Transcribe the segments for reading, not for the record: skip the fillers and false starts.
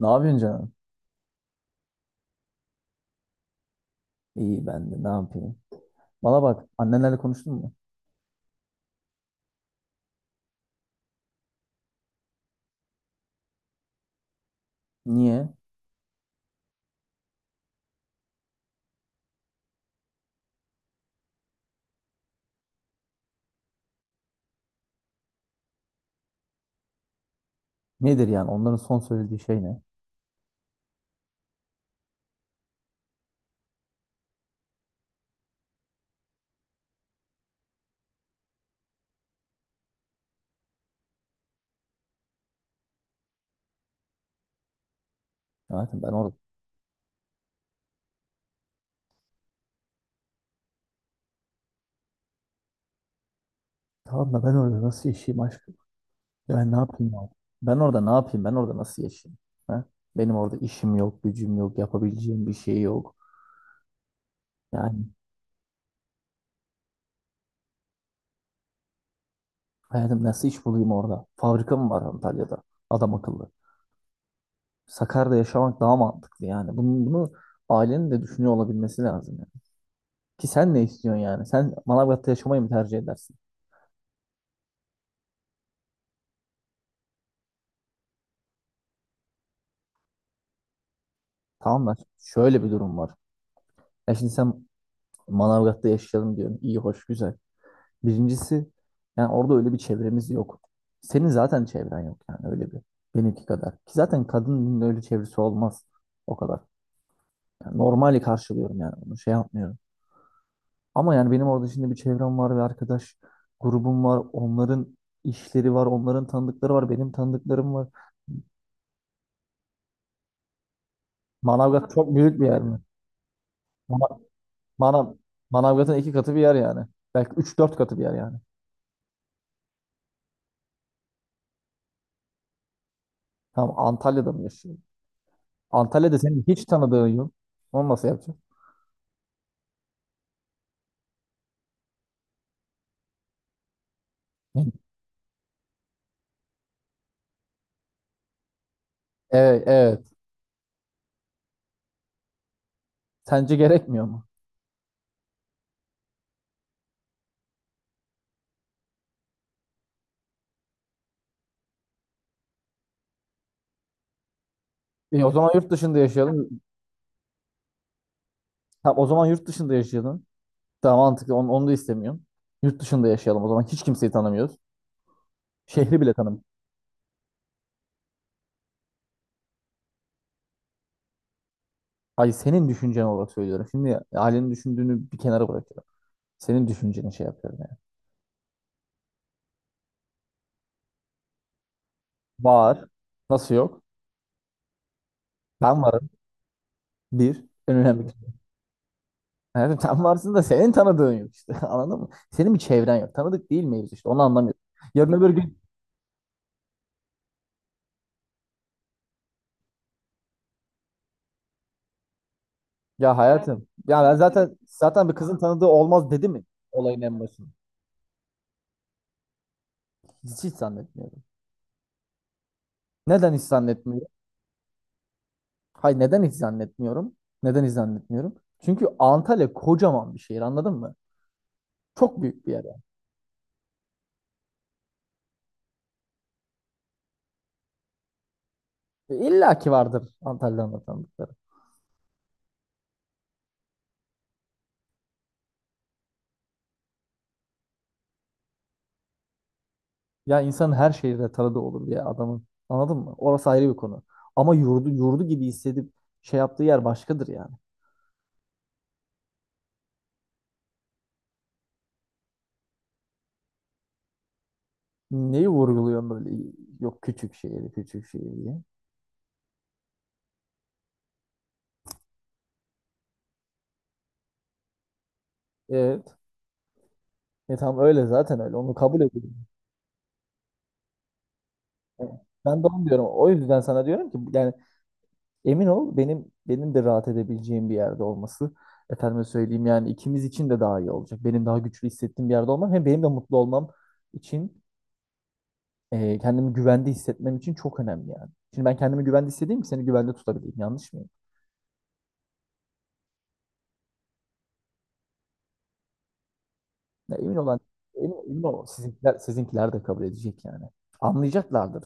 Ne yapıyorsun canım? İyi ben de ne yapayım? Bana bak annenlerle konuştun mu? Niye? Nedir yani onların son söylediği şey ne? Hayatım ben orada. Tamam da ben orada nasıl yaşayayım aşkım? Ya ben ne yapayım ya? Ben orada ne yapayım? Ben orada nasıl yaşayayım? Ha? Benim orada işim yok, gücüm yok, yapabileceğim bir şey yok. Yani hayatım nasıl iş bulayım orada? Fabrika mı var Antalya'da? Adam akıllı. Sakarya'da yaşamak daha mantıklı yani. Bunu ailenin de düşünüyor olabilmesi lazım yani. Ki sen ne istiyorsun yani? Sen Manavgat'ta yaşamayı mı tercih edersin? Tamam da şöyle bir durum var. Ya şimdi sen Manavgat'ta yaşayalım diyorsun. İyi, hoş, güzel. Birincisi yani orada öyle bir çevremiz yok. Senin zaten çevren yok yani öyle bir. Benimki kadar. Ki zaten kadının öyle çevresi olmaz o kadar. Yani normali karşılıyorum yani onu şey yapmıyorum. Ama yani benim orada şimdi bir çevrem var ve arkadaş grubum var. Onların işleri var, onların tanıdıkları var, benim tanıdıklarım var. Manavgat çok büyük bir yer mi? Mana- Manav Manavgat'ın iki katı bir yer yani. Belki üç dört katı bir yer yani. Tamam Antalya'da mı yaşıyorsun? Antalya'da senin hiç tanıdığın yok. Onu nasıl yapacaksın? Evet, evet. Sence gerekmiyor mu? O zaman yurt dışında yaşayalım. Tamam, o zaman yurt dışında yaşayalım. Daha mantıklı. Onu da istemiyorum. Yurt dışında yaşayalım. O zaman hiç kimseyi tanımıyoruz. Şehri bile tanımıyoruz. Hayır senin düşüncen olarak söylüyorum. Şimdi ailenin düşündüğünü bir kenara bırakıyorum. Senin düşünceni şey yapıyorum yani. Var. Nasıl yok? Ben varım. Bir. En önemli evet, sen varsın da senin tanıdığın yok işte. Anladın mı? Senin bir çevren yok. Tanıdık değil miyiz işte. Onu anlamıyorum. Yarın öbür gün ya hayatım. Ya ben zaten bir kızın tanıdığı olmaz dedi mi? Olayın en başında. Hiç zannetmiyorum. Neden hiç zannetmiyorum? Hayır neden hiç zannetmiyorum? Neden hiç zannetmiyorum? Çünkü Antalya kocaman bir şehir anladın mı? Çok büyük bir yer yani. İlla ki vardır Antalya'nın tanıdıkları. Ya insanın her şehirde tanıdığı olur ya adamın. Anladın mı? Orası ayrı bir konu. Ama yurdu gibi hissedip şey yaptığı yer başkadır yani. Neyi vurguluyorum böyle? Yok küçük şehir, küçük şehir diye. Evet. E tamam öyle zaten öyle. Onu kabul ediyorum. Evet. Ben de onu diyorum. O yüzden sana diyorum ki yani emin ol benim de rahat edebileceğim bir yerde olması. Efendime söyleyeyim yani ikimiz için de daha iyi olacak. Benim daha güçlü hissettiğim bir yerde olmam hem benim de mutlu olmam için kendimi güvende hissetmem için çok önemli yani. Şimdi ben kendimi güvende hissedeyim ki seni güvende tutabileyim. Yanlış mıyım? Ya emin olan emin ol. Sizinkiler de kabul edecek yani. Anlayacaklardır.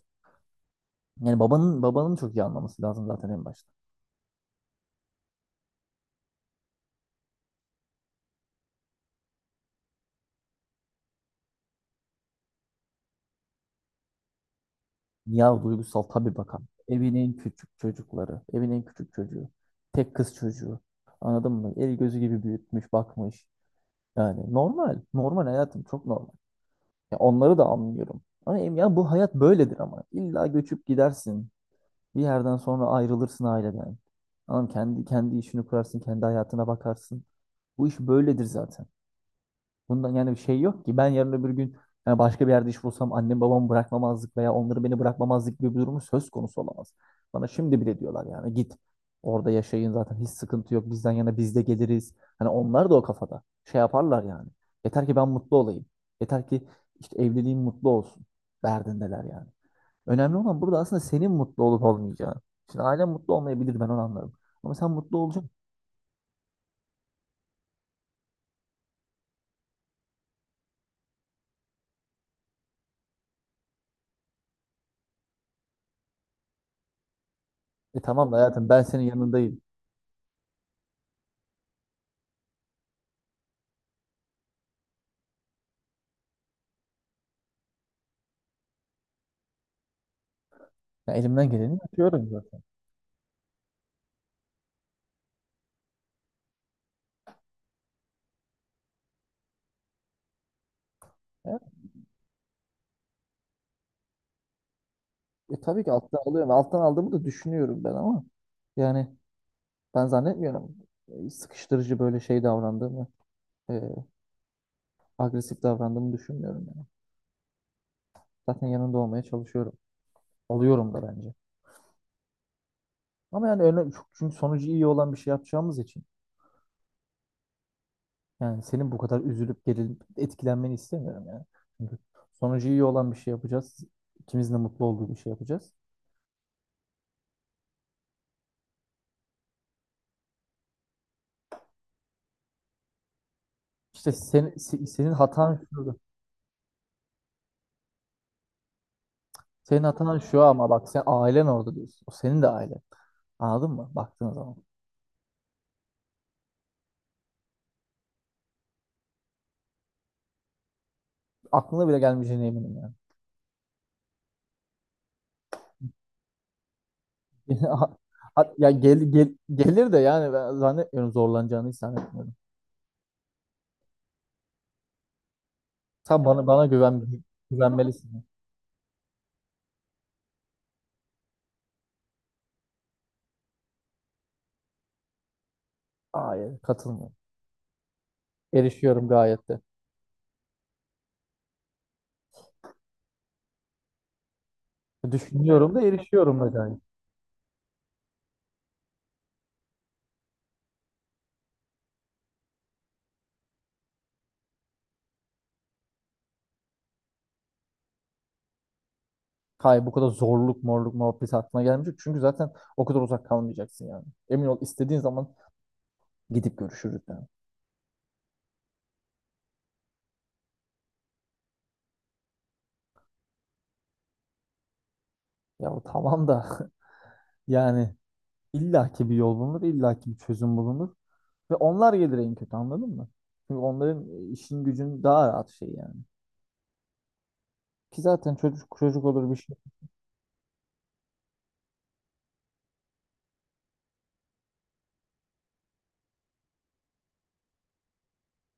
Yani babanın çok iyi anlaması lazım zaten en başta. Ya duygusal tabii bakan. Evin en küçük çocukları, evin en küçük çocuğu, tek kız çocuğu. Anladın mı? El gözü gibi büyütmüş, bakmış. Yani normal hayatım çok normal. Ya onları da anlıyorum. Ama ya bu hayat böyledir ama. İlla göçüp gidersin. Bir yerden sonra ayrılırsın aileden. Anam kendi işini kurarsın, kendi hayatına bakarsın. Bu iş böyledir zaten. Bundan yani bir şey yok ki. Ben yarın öbür gün yani başka bir yerde iş bulsam annem babamı bırakmamazlık veya onları beni bırakmamazlık gibi bir durumu söz konusu olamaz. Bana şimdi bile diyorlar yani git orada yaşayın zaten hiç sıkıntı yok bizden yana biz de geliriz. Hani onlar da o kafada şey yaparlar yani. Yeter ki ben mutlu olayım. Yeter ki işte evliliğim mutlu olsun derdindeler yani. Önemli olan burada aslında senin mutlu olup olmayacağın. Şimdi ailen mutlu olmayabilir ben onu anlarım. Ama sen mutlu olacaksın. E tamam da hayatım ben senin yanındayım. Ya elimden geleni yapıyorum zaten. E tabii ki alttan alıyorum. Alttan aldığımı da düşünüyorum ben ama yani ben zannetmiyorum sıkıştırıcı böyle şey davrandığımı, e, agresif davrandığımı düşünmüyorum yani. Zaten yanında olmaya çalışıyorum. Oluyorum da bence. Ama yani önemli, çünkü sonucu iyi olan bir şey yapacağımız için yani senin bu kadar üzülüp gerilip etkilenmeni istemiyorum yani. Çünkü sonucu iyi olan bir şey yapacağız. İkimizin de mutlu olduğu bir şey yapacağız. İşte senin hatan şurada. Senin hatan şu ama bak sen ailen orada diyorsun. O senin de ailen. Anladın mı? Baktığın zaman. Aklına bile gelmeyeceğine eminim yani. Ya gelir de yani ben zannetmiyorum zorlanacağını hiç zannetmiyorum. Sen bana güven güvenmelisin. Hayır, katılmıyorum. Erişiyorum gayet de. Düşünüyorum da erişiyorum da gayet. Hayır bu kadar zorluk morluk muhabbeti aklına gelmeyecek. Çünkü zaten o kadar uzak kalmayacaksın yani. Emin ol istediğin zaman gidip görüşürüz yani. Ya tamam da yani illaki bir yol bulunur, illaki bir çözüm bulunur. Ve onlar gelir en kötü anladın mı? Çünkü onların işin gücün daha rahat şey yani. Ki zaten çocuk çocuk olur bir şey.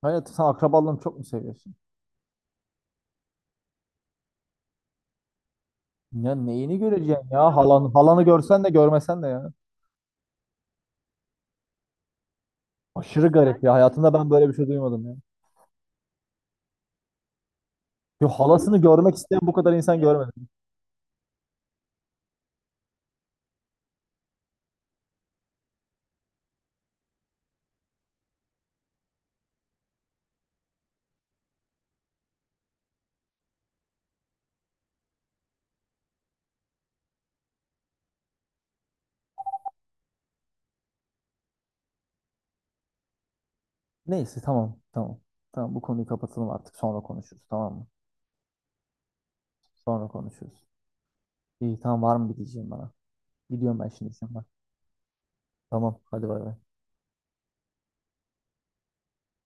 Hayatım sen akrabalarını çok mu seviyorsun? Ya neyini göreceksin ya? Halanı görsen de görmesen de ya. Aşırı garip ya. Hayatımda ben böyle bir şey duymadım ya. Yo, halasını görmek isteyen bu kadar insan görmedim. Neyse tamam. Tamam bu konuyu kapatalım artık. Sonra konuşuruz tamam mı? Sonra konuşuruz. İyi tamam var mı bir diyeceğim bana. Gidiyorum ben şimdi sen bak. Tamam hadi bay bay.